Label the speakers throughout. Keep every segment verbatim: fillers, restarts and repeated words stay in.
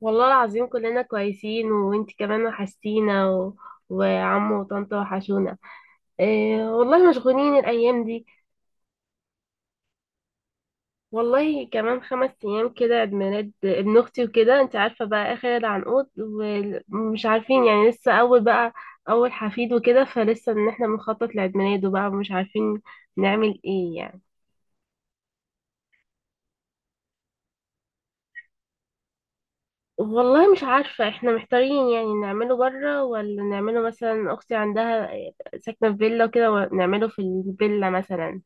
Speaker 1: والله العظيم كلنا كويسين وانت كمان وحشتينا و... وعمو وطنطا وحشونا. إيه والله مشغولين الأيام دي. والله كمان خمس أيام كده عيد ميلاد ابن أختي وكده، انت عارفة بقى آخر العنقود، ومش عارفين يعني لسه أول بقى. أول حفيد وكده، فلسه إن احنا بنخطط لعيد ميلاده بقى ومش عارفين نعمل ايه يعني. والله مش عارفة، احنا محتارين يعني نعمله بره ولا نعمله، مثلا أختي عندها ساكنة في فيلا وكده، ونعمله في الفيلا مثلا.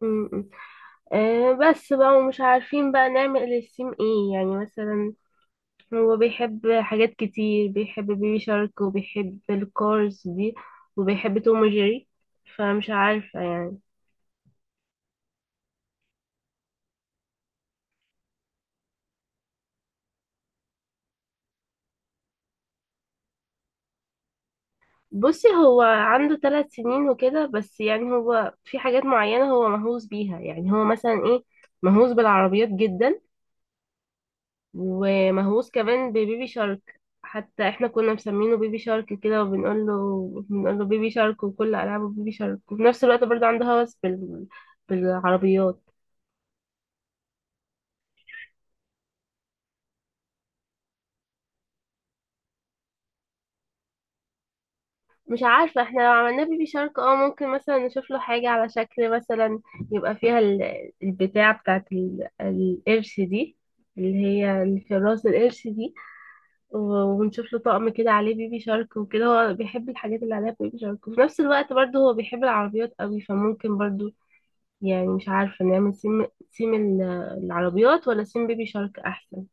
Speaker 1: م-م. آه، بس بقى ومش عارفين بقى نعمل للسيم ايه يعني، مثلا هو بيحب حاجات كتير، بيحب بيبي شارك وبيحب الكارز دي وبيحب توم وجيري، فمش عارفة يعني. بصي، هو عنده ثلاث سنين وكده، بس يعني هو في حاجات معينة هو مهووس بيها، يعني هو مثلا ايه، مهووس بالعربيات جدا، ومهووس كمان ببيبي شارك، حتى احنا كنا مسمينه بيبي شارك كده وبنقول له، بنقول له بيبي شارك، وكل العابه بيبي شارك، وفي نفس الوقت برضه عنده هوس بال... بالعربيات. مش عارفه احنا لو عملنا بيبي شارك، اه ممكن مثلا نشوف له حاجه على شكل، مثلا يبقى فيها ال- البتاع بتاعت ال- القرش دي، اللي هي اللي في راس القرش دي، ونشوف له طقم كده عليه بيبي شارك وكده. هو بيحب الحاجات اللي عليها بيبي شارك، وفي نفس الوقت برضه هو بيحب العربيات قوي، فممكن برضه يعني مش عارفة نعمل سيم سيم ال- العربيات ولا سيم بيبي شارك أحسن.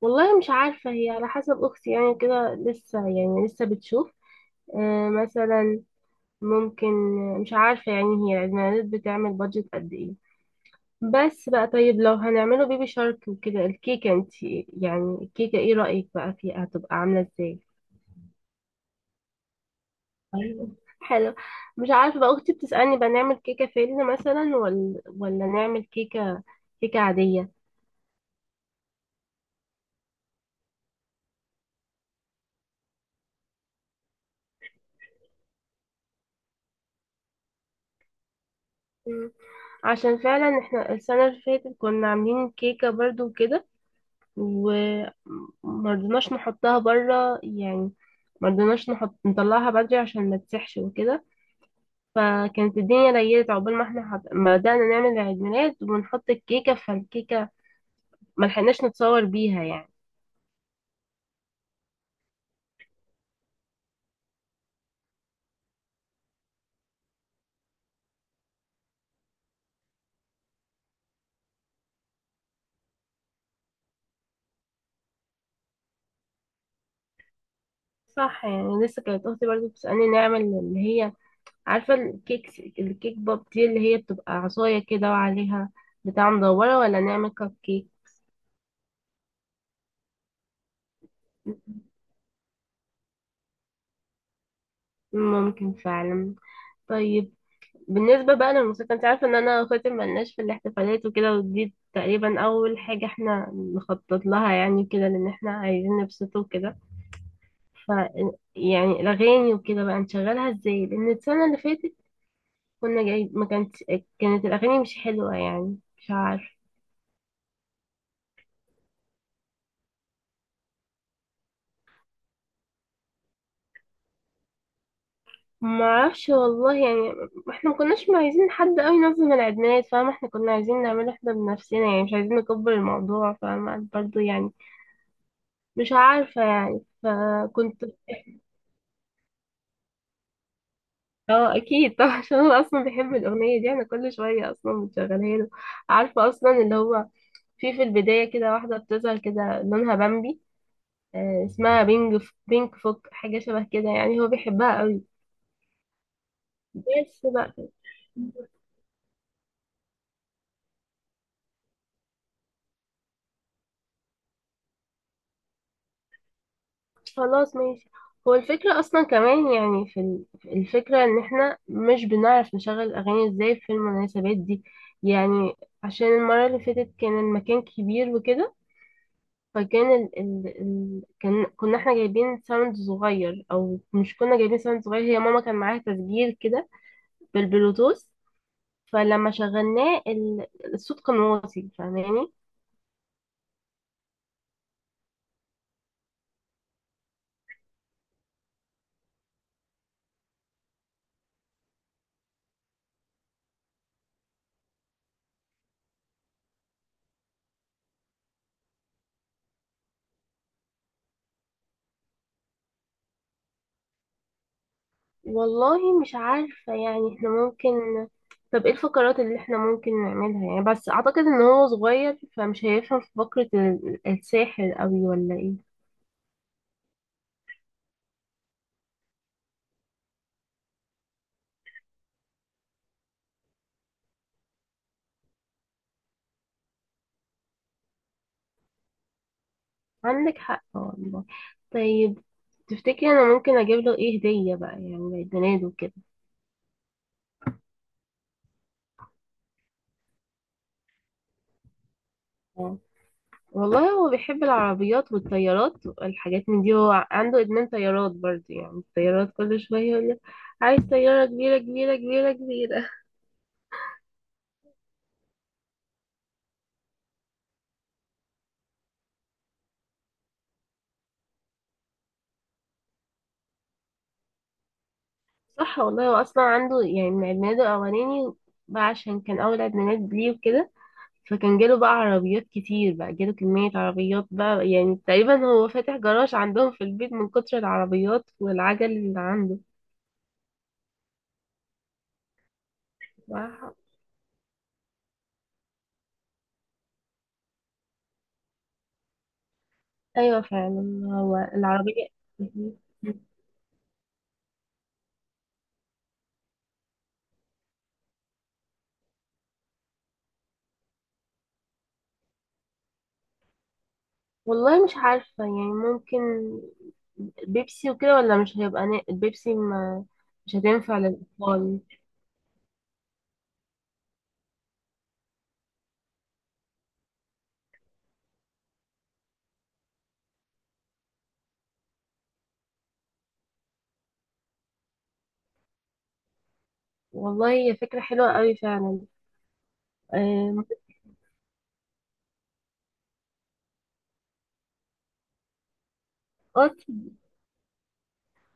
Speaker 1: والله مش عارفة، هي على حسب أختي يعني، كده لسه يعني لسه بتشوف. آه، مثلا ممكن، مش عارفة يعني. هي الإعلانات بتعمل بادجت قد إيه؟ بس بقى، طيب لو هنعمله بيبي شارك وكده، الكيكة انت يعني، الكيكة ايه رأيك بقى فيها، هتبقى عاملة ازاي؟ ايوه، حلو. مش عارفة بقى أختي بتسألني بقى نعمل كيكة فيلم مثلا، ولا ولا نعمل كيكة كيكة عادية. عشان فعلا احنا السنة اللي فاتت كنا عاملين كيكة برضو وكده، ومرضناش نحطها برا يعني، مرضناش نحط، نطلعها بدري عشان ما تسحش وكده، فكانت الدنيا ليلت عقبال ما احنا حط... ما بدأنا نعمل عيد ميلاد ونحط الكيكة، فالكيكة ما لحقناش نتصور بيها يعني. صح يعني، لسه كانت اختي برضو بتسألني نعمل اللي هي عارفة الكيك، الكيك بوب دي اللي هي بتبقى عصاية كده وعليها بتاع مدورة، ولا نعمل كب كيك. ممكن فعلا. طيب، بالنسبة بقى للموسيقى، انت عارفة ان انا اخواتي ملناش في الاحتفالات وكده، ودي تقريبا اول حاجة احنا نخطط لها يعني كده، لان احنا عايزين نبسطه وكده. ف يعني الاغاني وكده بقى نشغلها ازاي، لان السنة اللي فاتت كنا جاي، ما كانت، كانت الاغاني مش حلوة يعني مش عارفة. ما اعرفش والله يعني، احنا ما كناش عايزين حد قوي ينظم العيدميلاد، فاهمة، احنا كنا عايزين نعمله احنا بنفسنا يعني، مش عايزين نكبر الموضوع فاهمة برضه يعني، مش عارفة يعني فكنت. اه اكيد طبعا عشان انا اصلا بحب الاغنيه دي، انا كل شويه اصلا بشغلها له. عارفه اصلا اللي هو، في في البدايه كده واحده بتظهر كده لونها بامبي، آه اسمها بينج، بينك فوك حاجه شبه كده يعني، هو بيحبها قوي. بس بقى. خلاص ماشي. هو الفكره اصلا كمان يعني، في ال- في الفكره ان احنا مش بنعرف نشغل الاغاني ازاي في المناسبات دي يعني، عشان المره اللي فاتت كان المكان كبير وكده، فكان ال... ال... ال... كان كنا احنا جايبين ساوند صغير، او مش كنا جايبين ساوند صغير، هي ماما كان معاها تسجيل كده بالبلوتوث، فلما شغلناه ال... الصوت كان واطي فاهماني. والله مش عارفة يعني، احنا ممكن. طب ايه الفقرات اللي احنا ممكن نعملها يعني؟ بس اعتقد ان هو صغير فمش هيفهم في فقرة ال- الساحر قوي ولا ايه. عندك حق والله. طيب، تفتكري انا ممكن اجيب له ايه هدية بقى يعني عيد ميلاده كده؟ والله هو بيحب العربيات والطيارات والحاجات من دي، هو عنده إدمان طيارات برضه يعني، الطيارات كل شوية يقول لي عايز طيارة كبيرة كبيرة كبيرة كبيرة. صح والله، هو أصلا عنده يعني من إدمانه الأولاني بقى، عشان كان أول إدمانات ليه وكده، فكان جاله بقى عربيات كتير، بقى جاله كمية عربيات بقى يعني، تقريبا هو فاتح جراج عندهم في البيت من كتر العربيات والعجل اللي عنده. صح؟ أيوة، فعلا هو العربية. والله مش عارفة يعني، ممكن بيبسي وكده، ولا مش هيبقى نا- البيبسي ما، مش هتنفع للأطفال. والله هي فكرة حلوة قوي فعلا. اه، اه،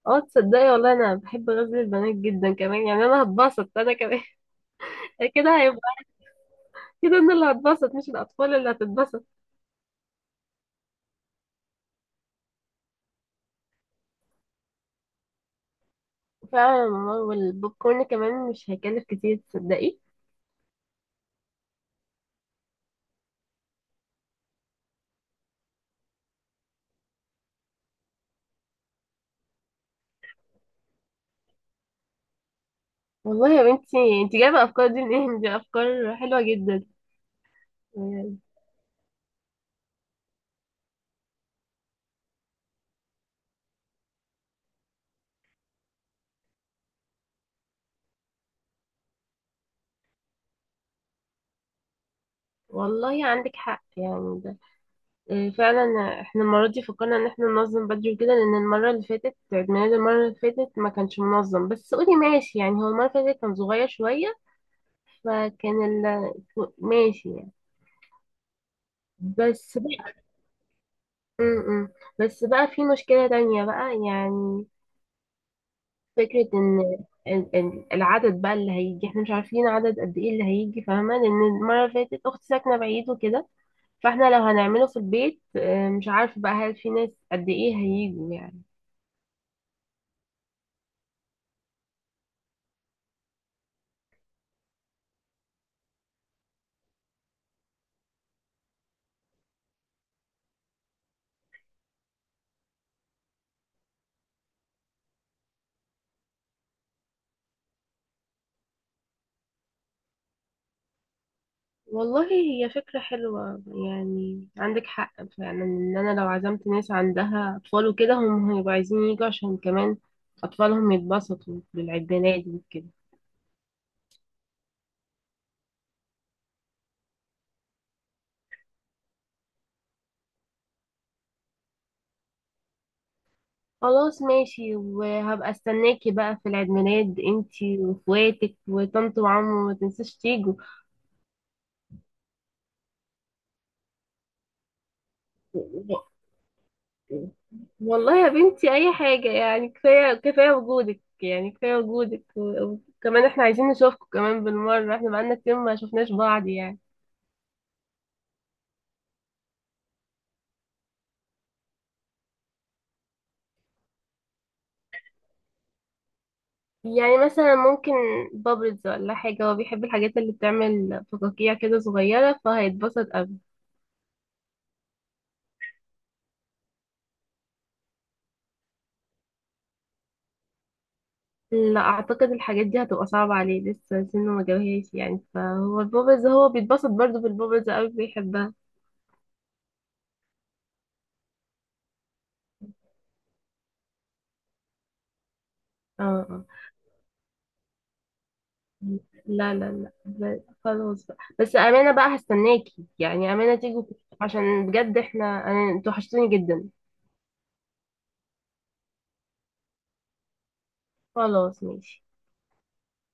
Speaker 1: آه، تصدقي والله انا بحب غزل البنات جدا كمان يعني، انا هتبسط انا كمان. كده هيبقى، كده انا اللي هتبسط مش الاطفال اللي هتتبسط. فعلا والله، والبوب كورن كمان مش هيكلف كتير تصدقي. والله يا بنتي، انت جايبه افكار دي منين، دي افكار حلوه جدا. آه، والله عندك حق يعني ده، إيه، فعلا احنا المرة دي فكرنا ان احنا ننظم بدري كده، لان المرة اللي فاتت عيد ميلاد المرة اللي فاتت ما كانش منظم، بس قولي ماشي يعني، هو المرة اللي فاتت كان صغير شوية، فكان ال... ماشي يعني. بس بقى م -م. بس بقى في مشكلة تانية بقى يعني. فكرة ان ال- ال- العدد بقى اللي هيجي، احنا مش عارفين عدد قد ايه اللي هيجي فاهمة، لان المرة اللي فاتت اختي ساكنة بعيد وكده، فاحنا لو هنعمله في البيت آه، مش عارفة بقى هل في ناس قد ايه هيجوا يعني. والله هي فكرة حلوة يعني عندك حق فعلا، ان انا لو عزمت ناس عندها اطفال وكده، هم هيبقوا عايزين يجوا عشان كمان اطفالهم يتبسطوا بالعيد ميلاد وكده. خلاص ماشي، وهبقى استناكي بقى في العيد ميلاد انتي واخواتك وطنط وعمو، ما تنساش تيجوا. والله يا بنتي اي حاجة يعني، كفاية كفاية وجودك يعني، كفاية وجودك و- وكمان احنا عايزين نشوفكم كمان بالمرة، احنا بقالنا كتير ما شفناش بعض يعني. يعني مثلا ممكن بابلز ولا حاجة، هو بيحب الحاجات اللي بتعمل فقاقيع كده صغيرة، فهيتبسط أوي. لا أعتقد الحاجات دي هتبقى صعبة عليه، لسه سنه ما جابهاش يعني، فهو البابلز هو بيتبسط برضه بالبابلز أوي بيحبها. اه اه، لا لا لا ب- خلاص بقى، بس أمانة بقى هستناكي يعني، أمانة تيجي. عشان بجد احنا، أنا انتوا وحشتوني جدا. خلاص ماشي.